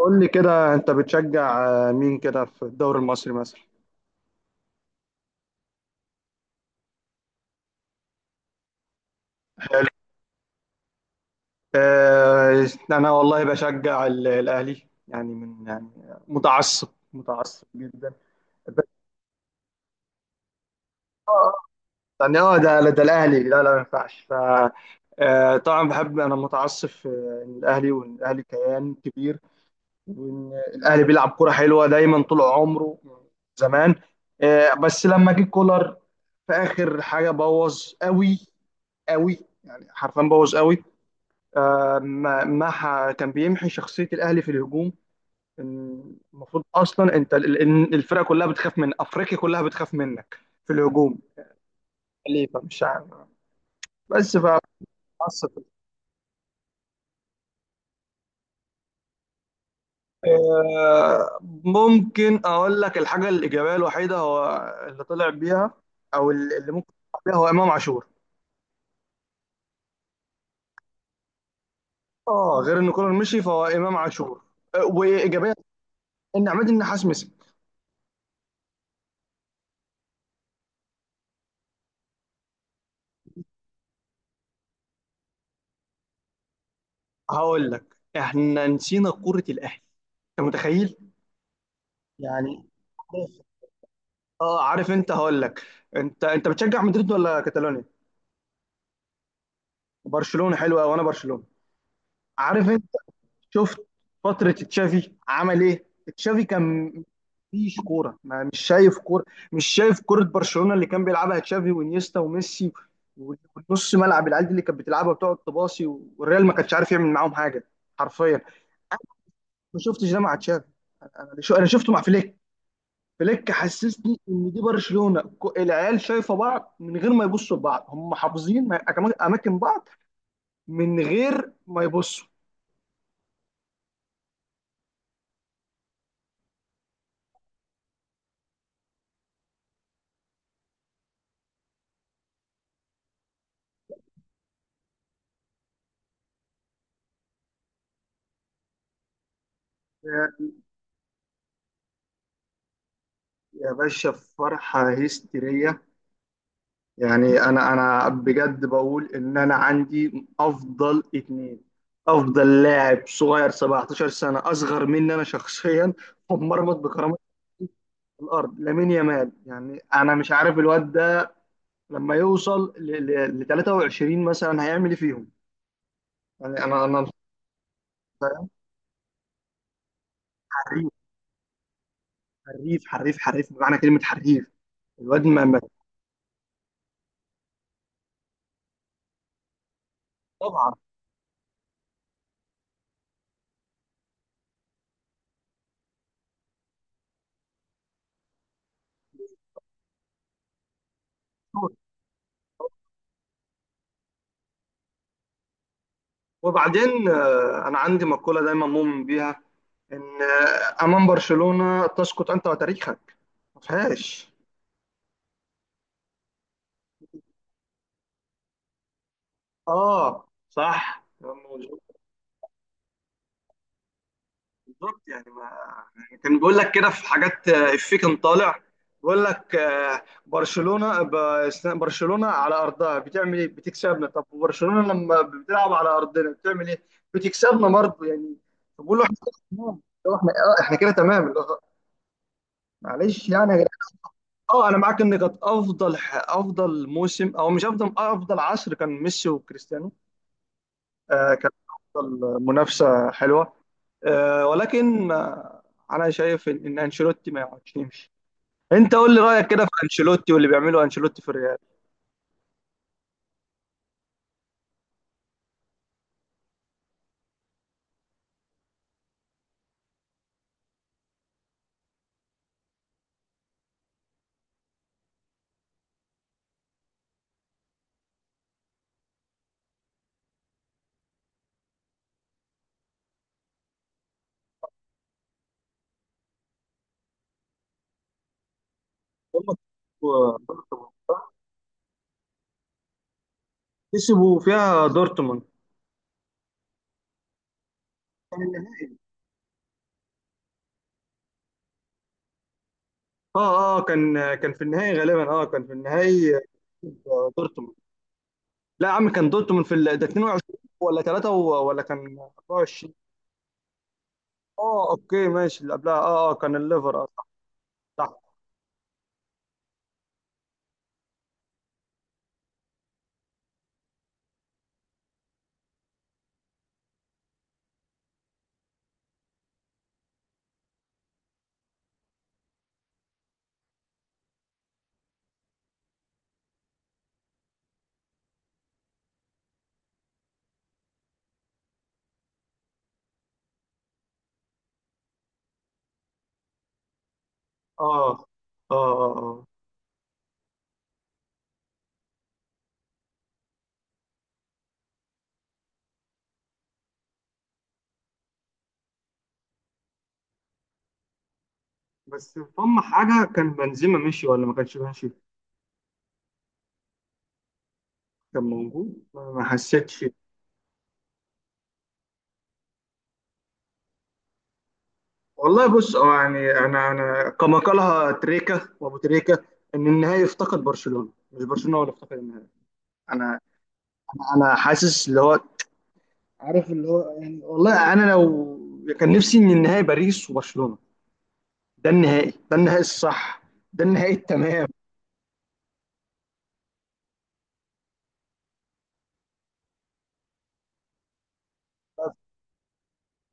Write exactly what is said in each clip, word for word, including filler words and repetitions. قول لي كده انت بتشجع، آه، مين كده في الدوري المصري مثلا؟ حلو. آه، انا والله بشجع ال- الاهلي، يعني من، يعني متعصب، متعصب جدا. بس اه آه، يعني اه ده ده الاهلي، لا لا، ما ينفعش ف. آه، طبعا بحب، انا متعصب في ان الاهلي، وان الاهلي كيان كبير، وان الاهلي بيلعب كرة حلوة دايما طول عمره من زمان. آه، بس لما جه كولر في اخر حاجة بوظ قوي قوي. يعني حرفيا بوظ قوي. آه، ما ما ح- كان بيمحي شخصية الأهلي في الهجوم. إن المفروض أصلا أنت، إن الفرقة كلها بتخاف، من أفريقيا كلها بتخاف منك في الهجوم. خليفة مش عارف. بس فعصب. آه، ممكن أقول لك، الحاجة الإيجابية الوحيدة هو اللي طلع بيها، أو اللي ممكن يطلع بيها، هو إمام عاشور. أه، غير إن كولر مشي فهو إمام عاشور. آه، وإيجابية إن عماد النحاس مسك. هقول لك، إحنا نسينا كرة الأهلي. أنت متخيل؟ يعني اه عارف انت، هقول لك، انت انت بتشجع مدريد ولا كاتالونيا؟ برشلونه حلوه، وانا برشلونه. عارف انت؟ شفت فتره تشافي عمل ايه؟ تشافي كان مفيش كوره، ما مش شايف كوره. مش شايف كوره برشلونه اللي كان بيلعبها تشافي وانيستا وميسي، ونص ملعب العيال دي اللي كانت بتلعبها وتقعد تباصي، والريال ما كانش عارف يعمل معاهم حاجه، حرفيا. ما شفتش ده مع تشافي. انا شو- انا شفته مع فليك. فليك حسسني ان دي برشلونه، كو- العيال شايفه بعض من غير ما يبصوا لبعض، هم حافظين م- أكما- اماكن بعض من غير ما يبصوا. يا يا باشا، فرحه هستيريه. يعني انا انا بجد بقول، ان انا عندي افضل اتنين. افضل لاعب صغير سبعتاشر سنه، اصغر مني انا شخصيا، ومرمط بكرامه الارض لامين يامال. يعني انا مش عارف الواد ده لما يوصل ل ل- ل تلاتة وعشرين مثلا هيعمل ايه فيهم. يعني انا انا حريف، حريف حريف حريف، بمعنى كلمة حريف. الواد ما ما- طبعا. وبعدين، آه، أنا عندي مقولة دايما مؤمن بيها، إن آه، أمام برشلونة تسقط أنت وتاريخك، ما فيهاش. آه صح. بالظبط يعني ما يعني، كان بيقول لك كده في حاجات، آه، افيه كان طالع بيقول لك، آه، برشلونة ب- است- برشلونة على ارضها بتعمل ايه؟ بتكسبنا. طب وبرشلونة لما بتلعب على ارضنا بتعمل ايه؟ بتكسبنا برضه. يعني فبقول له احنا كده تمام. لو احنا اه احنا كده تمام، اللي هو معلش، يعني يا جدعان. اه، انا معاك ان كانت افضل ح- افضل موسم، او مش افضل، آه، افضل عصر كان ميسي وكريستيانو. آه كان افضل منافسة حلوة. آه، ولكن آه، انا شايف ان إن انشيلوتي ما يقعدش يمشي. انت قول لي رايك كده في انشيلوتي واللي بيعمله انشيلوتي في الريال. هم كسبوا دورتموند. كسبوا فيها دورتموند، كان النهائي. اه اه كان كان في النهائي غالبا، اه كان في النهائي. آه، دورتموند. لا يا عم، كان دورتموند في ال- ده اتنين وعشرين ولا ثلاثة ولا كان اربعة وعشرين؟ اه، اوكي ماشي، اللي قبلها، اه اه كان الليفر، اه صح. صح. اه اه اه آه. بس هم حاجه، كان بنزيما مشي ولا ما كانش ماشي؟ كان موجود، ما ما حسيتش. والله بص، اه يعني انا انا كما قالها تريكا وابو تريكا، ان النهائي افتقد برشلونه، مش برشلونه هو اللي افتقد النهائي. انا انا حاسس اللي هو، عارف اللي هو، يعني والله انا لو، كان نفسي ان النهائي باريس وبرشلونه. ده النهائي، ده النهائي الصح، ده النهائي التمام.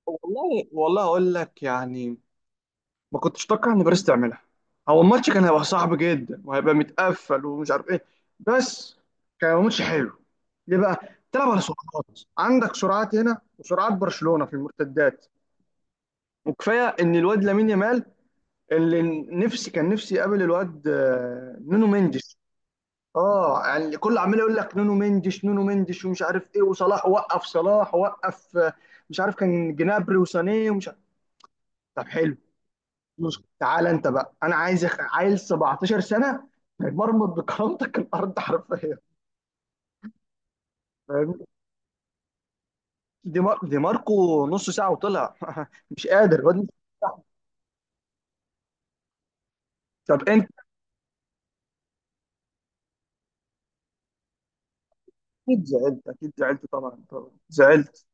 والله والله اقول لك يعني، ما كنتش اتوقع ان باريس تعملها. هو الماتش كان هيبقى صعب جدا، وهيبقى متقفل، ومش عارف ايه. بس كان هيبقى ماتش حلو. ليه بقى؟ تلعب على سرعات، عندك سرعات هنا وسرعات برشلونة في المرتدات. وكفايه ان الواد لامين يامال اللي، نفسي كان نفسي يقابل الواد، آه، نونو مندش. اه يعني كل عمال يقول لك، نونو مندش، نونو مندش، ومش عارف ايه، وصلاح وقف، صلاح وقف، آه، مش عارف، كان جنابري وسانيه ومش عارف. طب حلو، بص تعالى انت بقى، انا عايز أخ... عيل سبعتاشر سنه هيمرمط بكرامتك الارض حرفيا. فاهمني؟ دي مار... دي ماركو نص ساعه وطلع مش قادر الواد مش قادر. طب انت اكيد زعلت، اكيد زعلت، طبعا طبعا زعلت.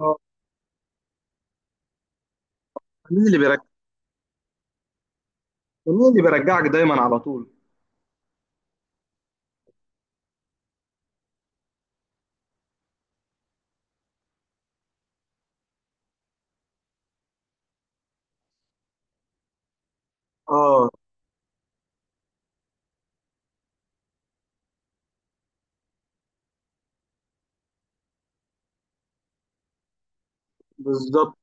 اه، مين اللي بيرجع؟ مين اللي بيرجعك دايما على طول؟ اه بالظبط.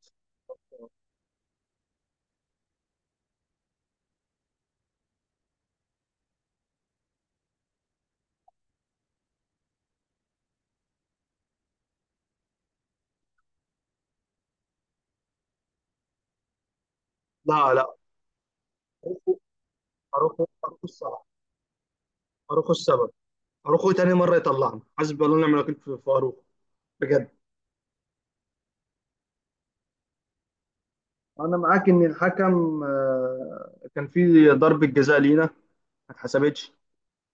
لا لا، اروخو، اروخو اروخو السبب، اروخو السبب، اروخو تاني مره يطلعنا حسبي الله ونعم الوكيل في في اروخو، بجد. انا معاك ان الحكم آه، كان في ضربة جزاء لينا ما اتحسبتش.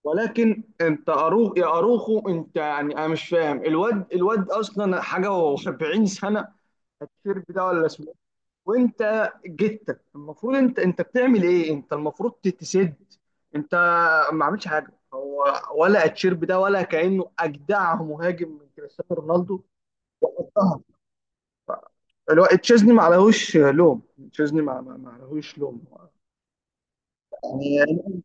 ولكن انت اروخ يا اروخو، انت يعني انا مش فاهم. الواد، الواد اصلا حاجه، و70 سنه، التيشيرت ده ولا اسمه إيه؟ وانت جيت، المفروض انت، انت بتعمل ايه؟ انت المفروض تتسد. انت ما عملتش حاجه، هو ولا التيشيرت ده ولا كانه اجدع مهاجم من كريستيانو رونالدو. الواد تشيزني ما عليهوش لوم. تشيزني ما ما- ما عليهوش لوم، يعني.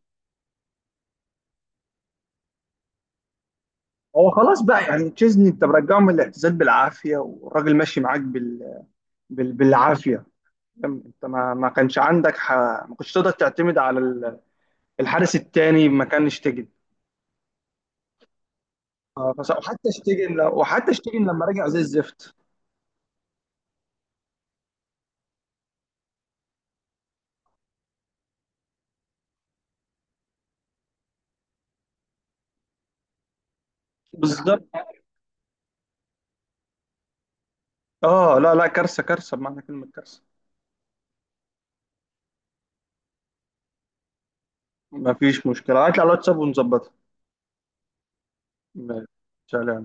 هو خلاص بقى، يعني تشيزني انت مرجعه من الاعتزال بالعافيه، والراجل ماشي معاك بال... بال... بالعافيه. فاهم؟ انت ما ما كانش عندك ح... ما كنتش تقدر تعتمد على ال- الحارس التاني، ما كان شتيجن. اه، فس- وحتى شتيجن لو... وحتى شتيجن لما رجع زي الزفت. بالظبط. اه، لا لا، كارثه كارثه بمعنى كلمه كارثه. ما فيش مشكله، هات لي على الواتساب ونظبطها. ماشي. سلام.